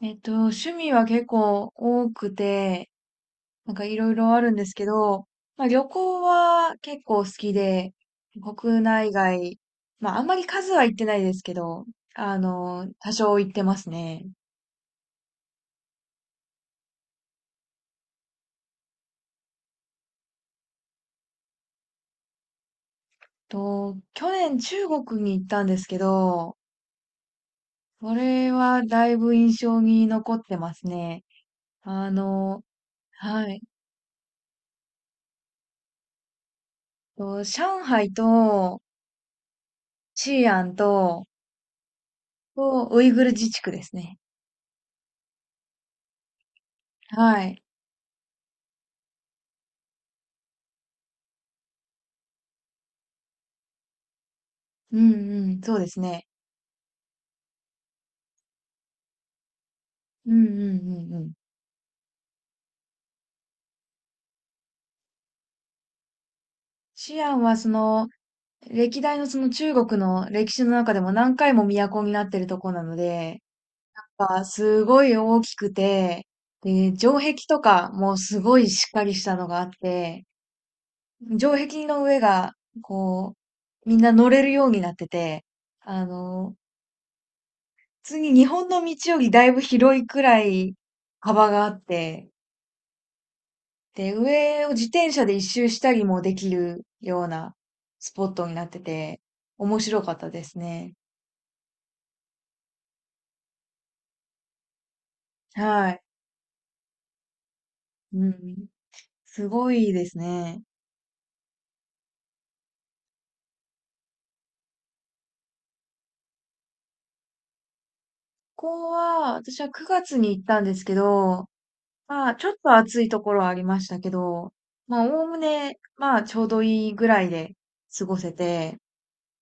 趣味は結構多くて、なんかいろいろあるんですけど、まあ、旅行は結構好きで、国内外、まああんまり数は行ってないですけど、多少行ってますね。去年中国に行ったんですけど、これはだいぶ印象に残ってますね。あの、はい。上海と、西安と、ウイグル自治区ですね。はい。うんうん、そうですね。うんうんうんうん。シアンはその、歴代のその中国の歴史の中でも何回も都になってるとこなので、やっぱすごい大きくて、で、城壁とかもすごいしっかりしたのがあって、城壁の上が、こう、みんな乗れるようになってて、あの、普通に日本の道よりだいぶ広いくらい幅があって、で、上を自転車で一周したりもできるようなスポットになってて、面白かったですね。はい。うん。すごいですね。ここは、私は9月に行ったんですけど、まあ、ちょっと暑いところはありましたけど、まあ、おおむね、まあ、ちょうどいいぐらいで過ごせて、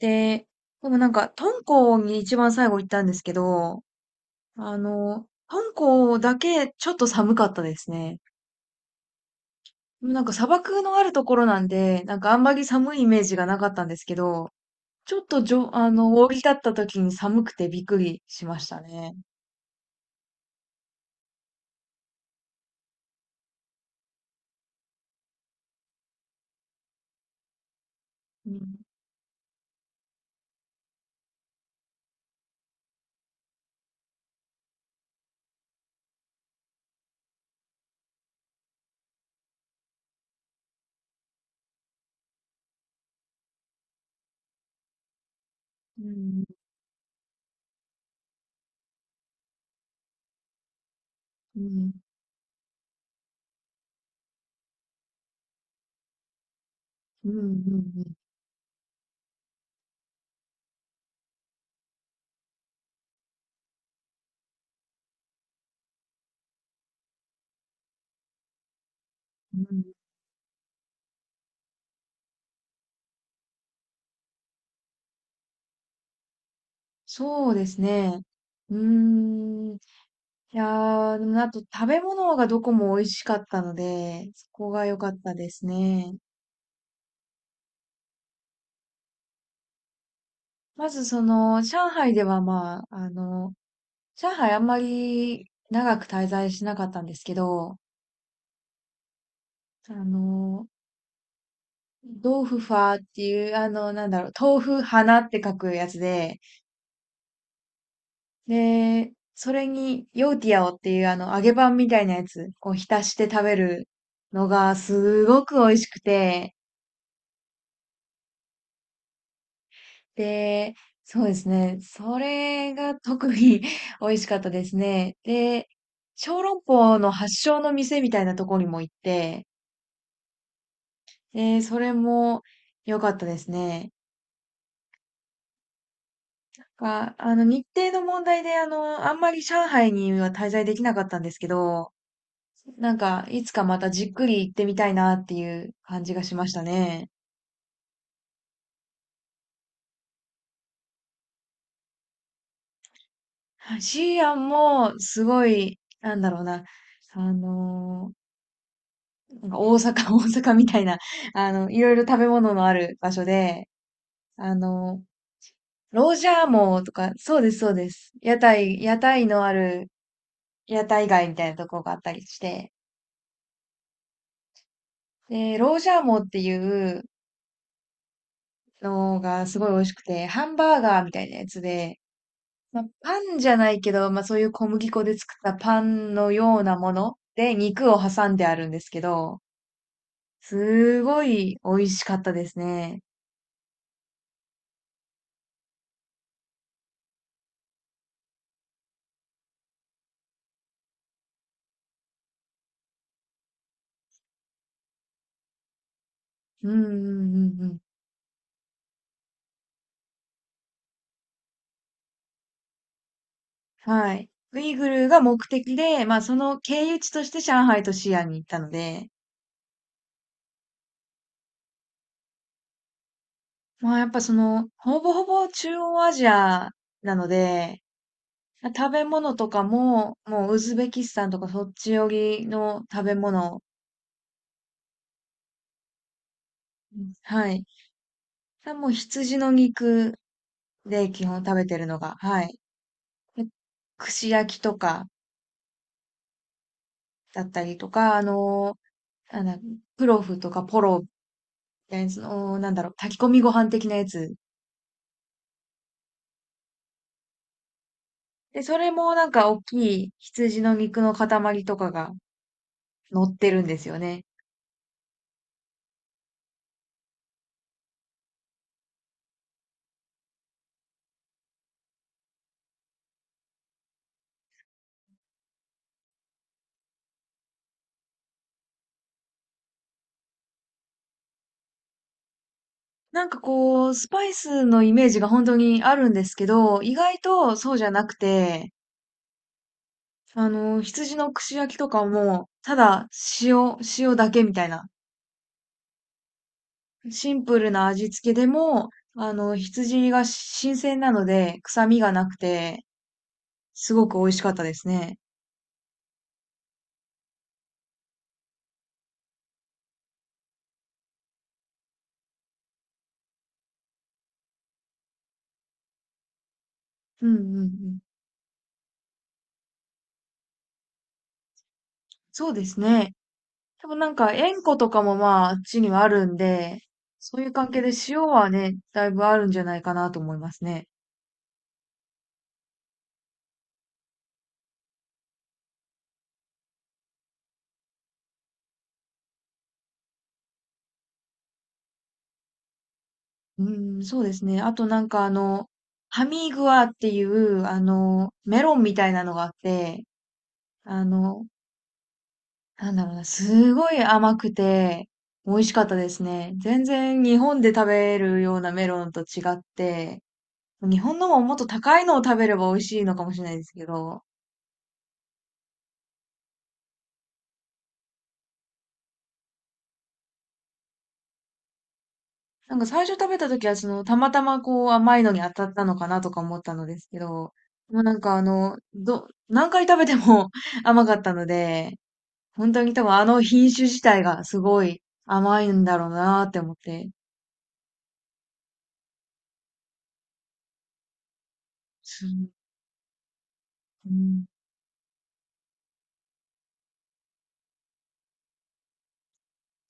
で、でもなんか、敦煌に一番最後行ったんですけど、敦煌だけちょっと寒かったですね。なんか砂漠のあるところなんで、なんかあんまり寒いイメージがなかったんですけど、ちょっとじょ、あの、降り立った時に寒くてびっくりしましたね。うん、うん、うん、うん、うん、うん。うん、そうですね。うーん。いやー、でもあと食べ物がどこも美味しかったので、そこが良かったですね。まずその、上海ではまあ、上海あんまり長く滞在しなかったんですけど、あの、豆腐ファーっていう、なんだろう、豆腐花って書くやつで、で、それに、ヨーティアオっていう、揚げパンみたいなやつを浸して食べるのが、すごく美味しくて、で、そうですね、それが特に 美味しかったですね。で、小籠包の発祥の店みたいなところにも行って、で、それも良かったですね。か、あの、日程の問題で、あんまり上海には滞在できなかったんですけど、なんか、いつかまたじっくり行ってみたいなっていう感じがしましたね。はい。シーアンも、すごい、なんだろうな、あのーなんか大阪、大阪みたいな、いろいろ食べ物のある場所で、あの、ロージャーモーとか、そうです、そうです。屋台のある、屋台街みたいなとこがあったりして、で、ロージャーモーっていう、のがすごい美味しくて、ハンバーガーみたいなやつで、まあ、パンじゃないけど、まあそういう小麦粉で作ったパンのようなもので肉を挟んであるんですけど、すごい美味しかったですね。うんうんうんうん。はい。ウイグルが目的で、まあその経由地として上海と西安に行ったので、まあやっぱその、ほぼほぼ中央アジアなので、食べ物とかも、もうウズベキスタンとかそっち寄りの食べ物。うん、はい。もう羊の肉で基本食べてるのが、はい。で串焼きとかだったりとか、あのー、なんだ、プロフとかポロみたいな、その、なんだろう、炊き込みご飯的なやつ。で、それもなんか大きい羊の肉の塊とかが乗ってるんですよね。なんかこう、スパイスのイメージが本当にあるんですけど、意外とそうじゃなくて、あの羊の串焼きとかも、ただ塩だけみたいな。シンプルな味付けでも、羊が新鮮なので、臭みがなくて、すごく美味しかったですね。うんうんうん。そうですね。多分なんか、塩湖とかもまあ、あっちにはあるんで、そういう関係で塩はね、だいぶあるんじゃないかなと思いますね。うん、そうですね。あとなんかハミーグアっていう、メロンみたいなのがあって、あの、なんだろうな、すごい甘くて、美味しかったですね。全然日本で食べるようなメロンと違って、日本のももっと高いのを食べれば美味しいのかもしれないですけど、なんか最初食べた時はその、たまたまこう甘いのに当たったのかなとか思ったのですけど、もうなんか何回食べても 甘かったので、本当に多分あの品種自体がすごい甘いんだろうなって思って、すうん、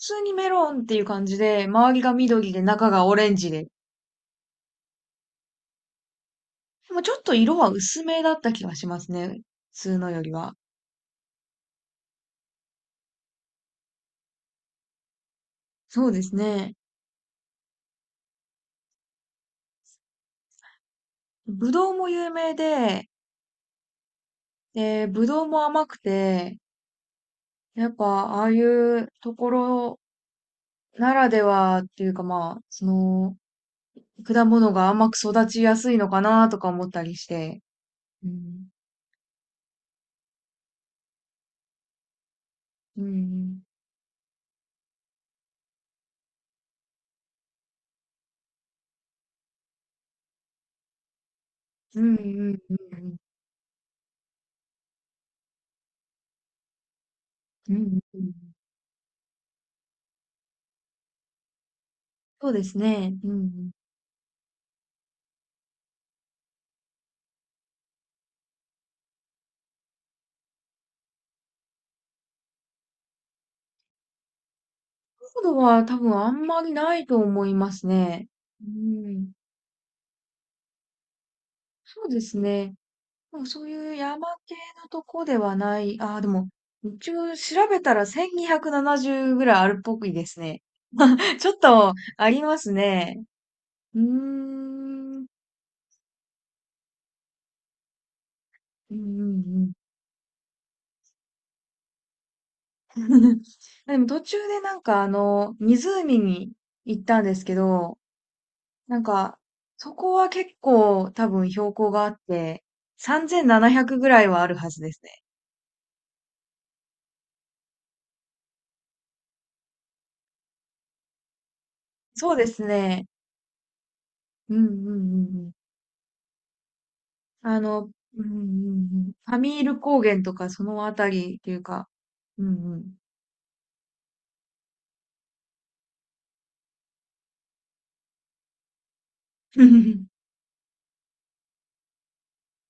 普通にメロンっていう感じで、周りが緑で中がオレンジで。でもちょっと色は薄めだった気がしますね。普通のよりは。そうですね。ぶどうも有名で、で、ぶどうも甘くて、やっぱああいうところならではっていうかまあ、その、果物が甘く育ちやすいのかなとか思ったりして。うん。うんうん。うんうんうんうん。うんうんうんうんうんん、そうですね。うんうん。高度は多分あんまりないと思いますね。うーん、そうですね。でもそういう山系のとこではない、ああ、でも、一応調べたら1270ぐらいあるっぽくいですね。ちょっとありますね。うーん、うんうんうん。でも途中でなんか湖に行ったんですけど、なんか、そこは結構多分標高があって、3700ぐらいはあるはずですね。そうですね。うんうんうんうん。あの、うんうんうんファミール高原とかそのあたりっていうか、うんうん。